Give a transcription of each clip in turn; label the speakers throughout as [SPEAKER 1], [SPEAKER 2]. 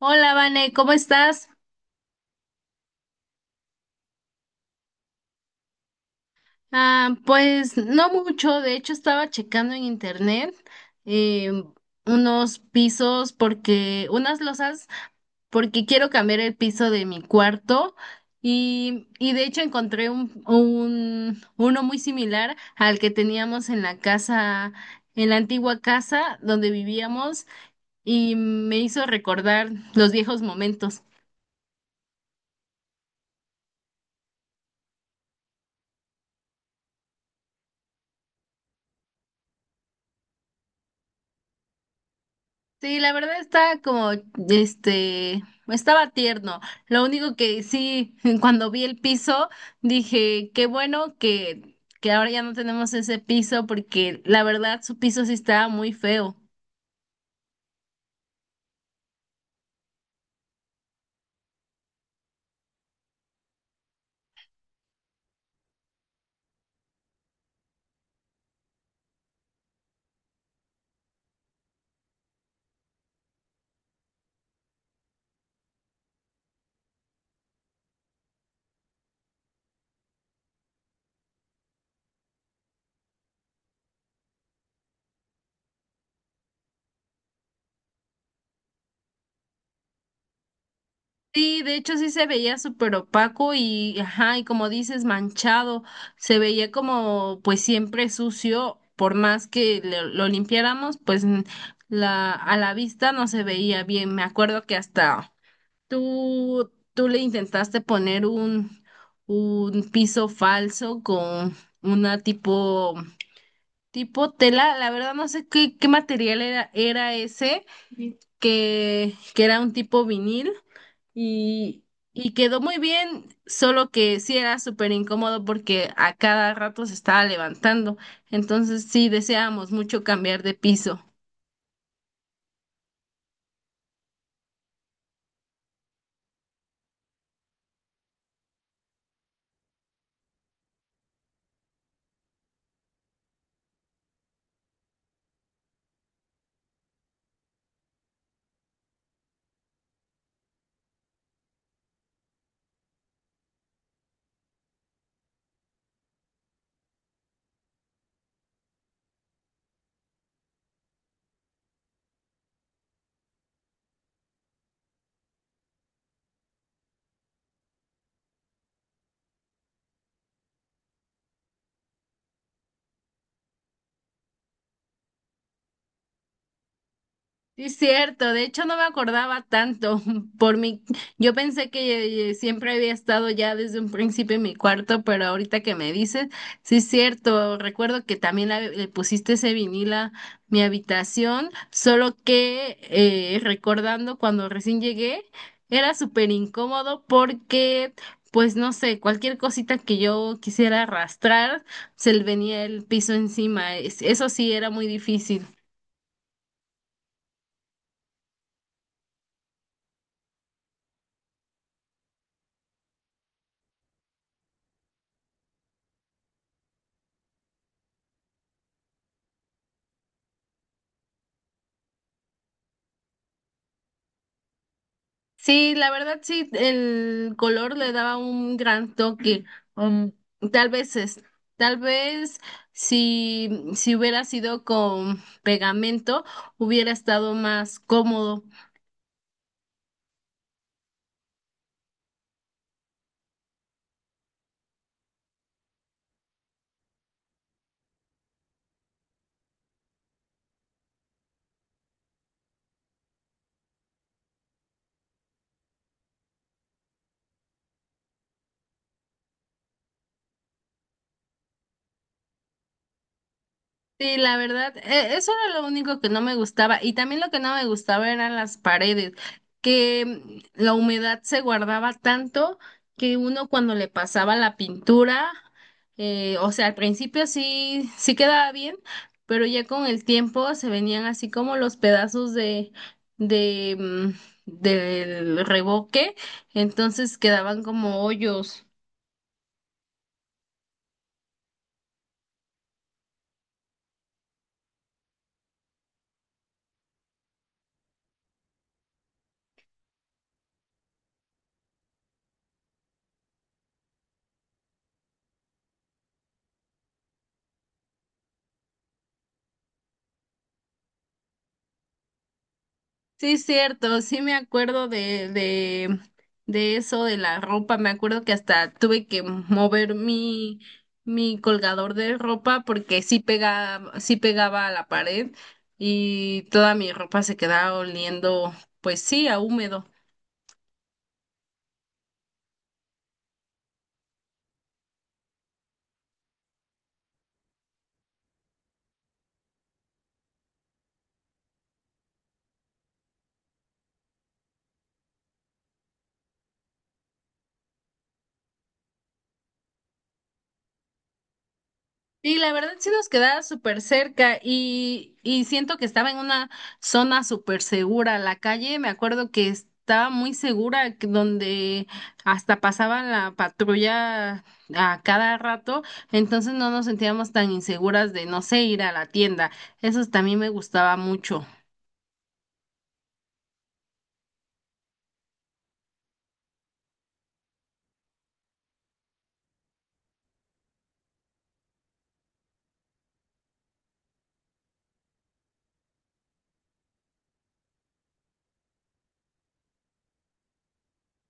[SPEAKER 1] Hola, Vane, ¿cómo estás? Ah, pues no mucho, de hecho estaba checando en internet eh, unos pisos porque, unas losas, porque quiero cambiar el piso de mi cuarto y de hecho encontré uno muy similar al que teníamos en la casa, en la antigua casa donde vivíamos y me hizo recordar los viejos momentos. Sí, la verdad está como, este, estaba tierno. Lo único que sí, cuando vi el piso, dije, qué bueno que ahora ya no tenemos ese piso, porque la verdad su piso sí estaba muy feo. Sí, de hecho sí se veía súper opaco y, ajá, y como dices, manchado. Se veía como, pues siempre sucio, por más que lo limpiáramos, a la vista no se veía bien. Me acuerdo que hasta... ¿Tú le intentaste poner un piso falso con una tipo, tipo tela? La verdad no sé qué material era ese, que era un tipo vinil y, y quedó muy bien, solo que sí era súper incómodo porque a cada rato se estaba levantando. Entonces sí deseábamos mucho cambiar de piso. Sí, es cierto, de hecho no me acordaba tanto por mi, yo pensé que siempre había estado ya desde un principio en mi cuarto, pero ahorita que me dices, sí es cierto, recuerdo que también le pusiste ese vinil a mi habitación, solo que recordando cuando recién llegué, era súper incómodo porque, pues no sé, cualquier cosita que yo quisiera arrastrar, se le venía el piso encima. Eso sí era muy difícil. Sí, la verdad sí, el color le daba un gran toque. Um, tal vez es, tal vez si, si hubiera sido con pegamento, hubiera estado más cómodo. Sí, la verdad, eso era lo único que no me gustaba. Y también lo que no me gustaba eran las paredes, que la humedad se guardaba tanto que uno cuando le pasaba la pintura, o sea, al principio sí, sí quedaba bien, pero ya con el tiempo se venían así como los pedazos de, mm, del revoque, entonces quedaban como hoyos. Sí, cierto, sí me acuerdo de eso, de la ropa. Me acuerdo que hasta tuve que mover mi, mi colgador de ropa porque sí pegaba a la pared y toda mi ropa se quedaba oliendo, pues sí, a húmedo. Sí, la verdad sí nos quedaba súper cerca y siento que estaba en una zona súper segura. La calle, me acuerdo que estaba muy segura, que donde hasta pasaban la patrulla a cada rato, entonces no nos sentíamos tan inseguras de, no sé, ir a la tienda. Eso también me gustaba mucho.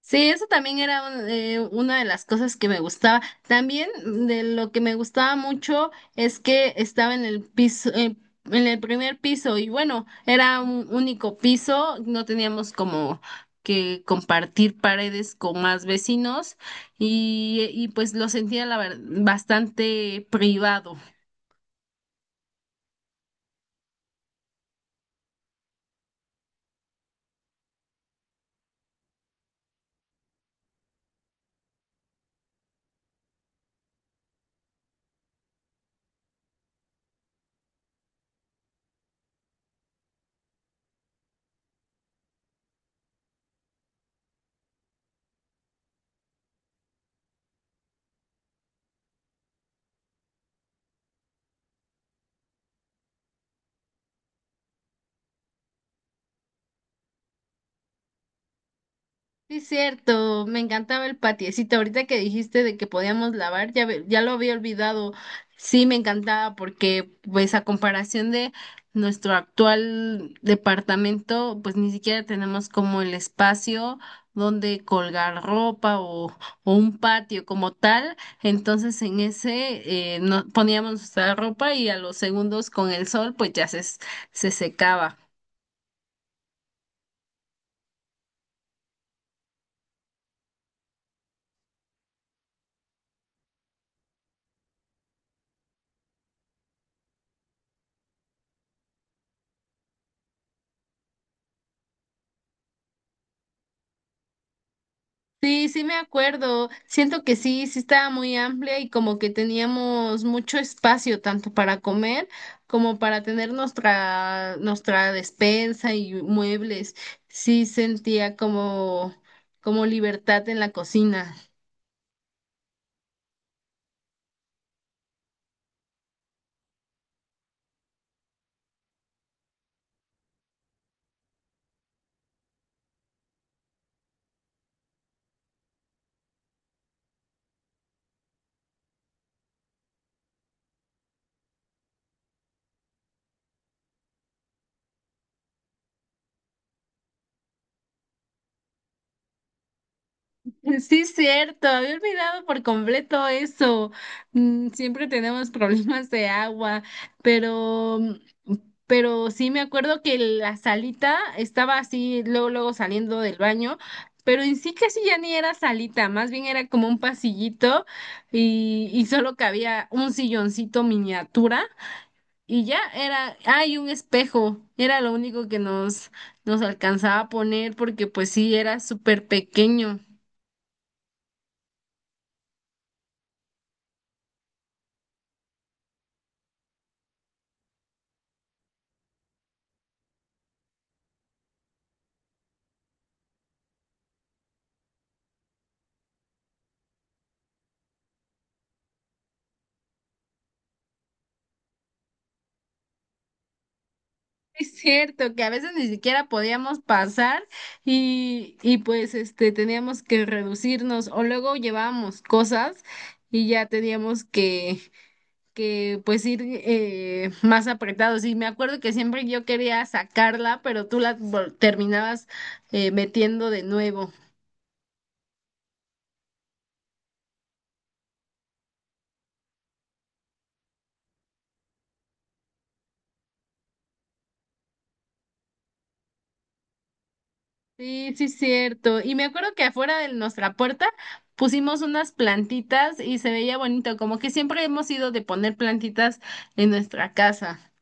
[SPEAKER 1] Sí, eso también era una de las cosas que me gustaba. También de lo que me gustaba mucho es que estaba en el piso, en el primer piso y bueno, era un único piso, no teníamos como que compartir paredes con más vecinos y pues lo sentía bastante privado. Sí, es cierto, me encantaba el patiecito. Ahorita que dijiste de que podíamos lavar, ya, ya lo había olvidado. Sí, me encantaba porque, pues, a comparación de nuestro actual departamento, pues ni siquiera tenemos como el espacio donde colgar ropa o un patio como tal. Entonces, en ese no, poníamos nuestra ropa y a los segundos con el sol, pues se secaba. Sí, sí me acuerdo. Siento que sí, sí estaba muy amplia y como que teníamos mucho espacio tanto para comer como para tener nuestra despensa y muebles. Sí sentía como como libertad en la cocina. Sí, cierto, había olvidado por completo eso. Mm, siempre tenemos problemas de agua, pero, pero sí me acuerdo que la salita estaba así, luego, luego saliendo del baño, pero en sí casi ya ni era salita, más bien era como un pasillito y solo cabía un silloncito miniatura y ya era, hay un espejo, era lo único que nos alcanzaba a poner porque pues sí, era súper pequeño. Es cierto que a veces ni siquiera podíamos pasar y pues este teníamos que reducirnos o luego llevábamos cosas y ya teníamos que pues ir más apretados. Y me acuerdo que siempre yo quería sacarla, pero tú terminabas metiendo de nuevo. Sí, sí, cierto. Y me acuerdo que afuera de nuestra puerta pusimos unas plantitas y se veía bonito, como que siempre hemos ido de poner plantitas en nuestra casa.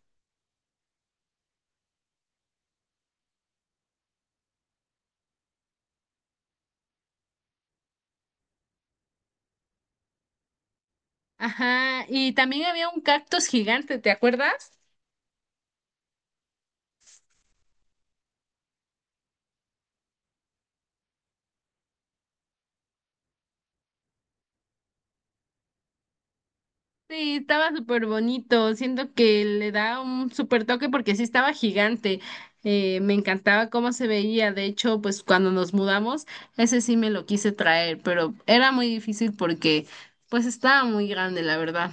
[SPEAKER 1] Ajá, y también había un cactus gigante, ¿te acuerdas? Sí, estaba súper bonito, siento que le da un súper toque porque sí estaba gigante. Me encantaba cómo se veía, de hecho, pues cuando nos mudamos, ese sí me lo quise traer, pero era muy difícil porque pues estaba muy grande, la verdad.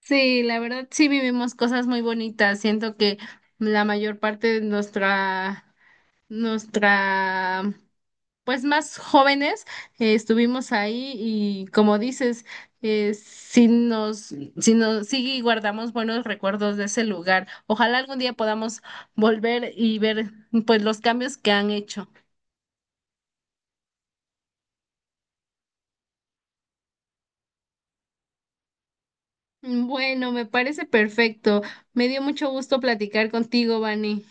[SPEAKER 1] Sí, la verdad sí vivimos cosas muy bonitas. Siento que la mayor parte de nuestra, pues más jóvenes estuvimos ahí y como dices, sí guardamos buenos recuerdos de ese lugar. Ojalá algún día podamos volver y ver pues los cambios que han hecho. Bueno, me parece perfecto. Me dio mucho gusto platicar contigo, Vani.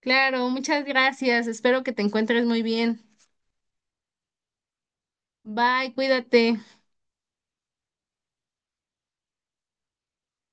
[SPEAKER 1] Claro, muchas gracias. Espero que te encuentres muy bien. Bye, cuídate.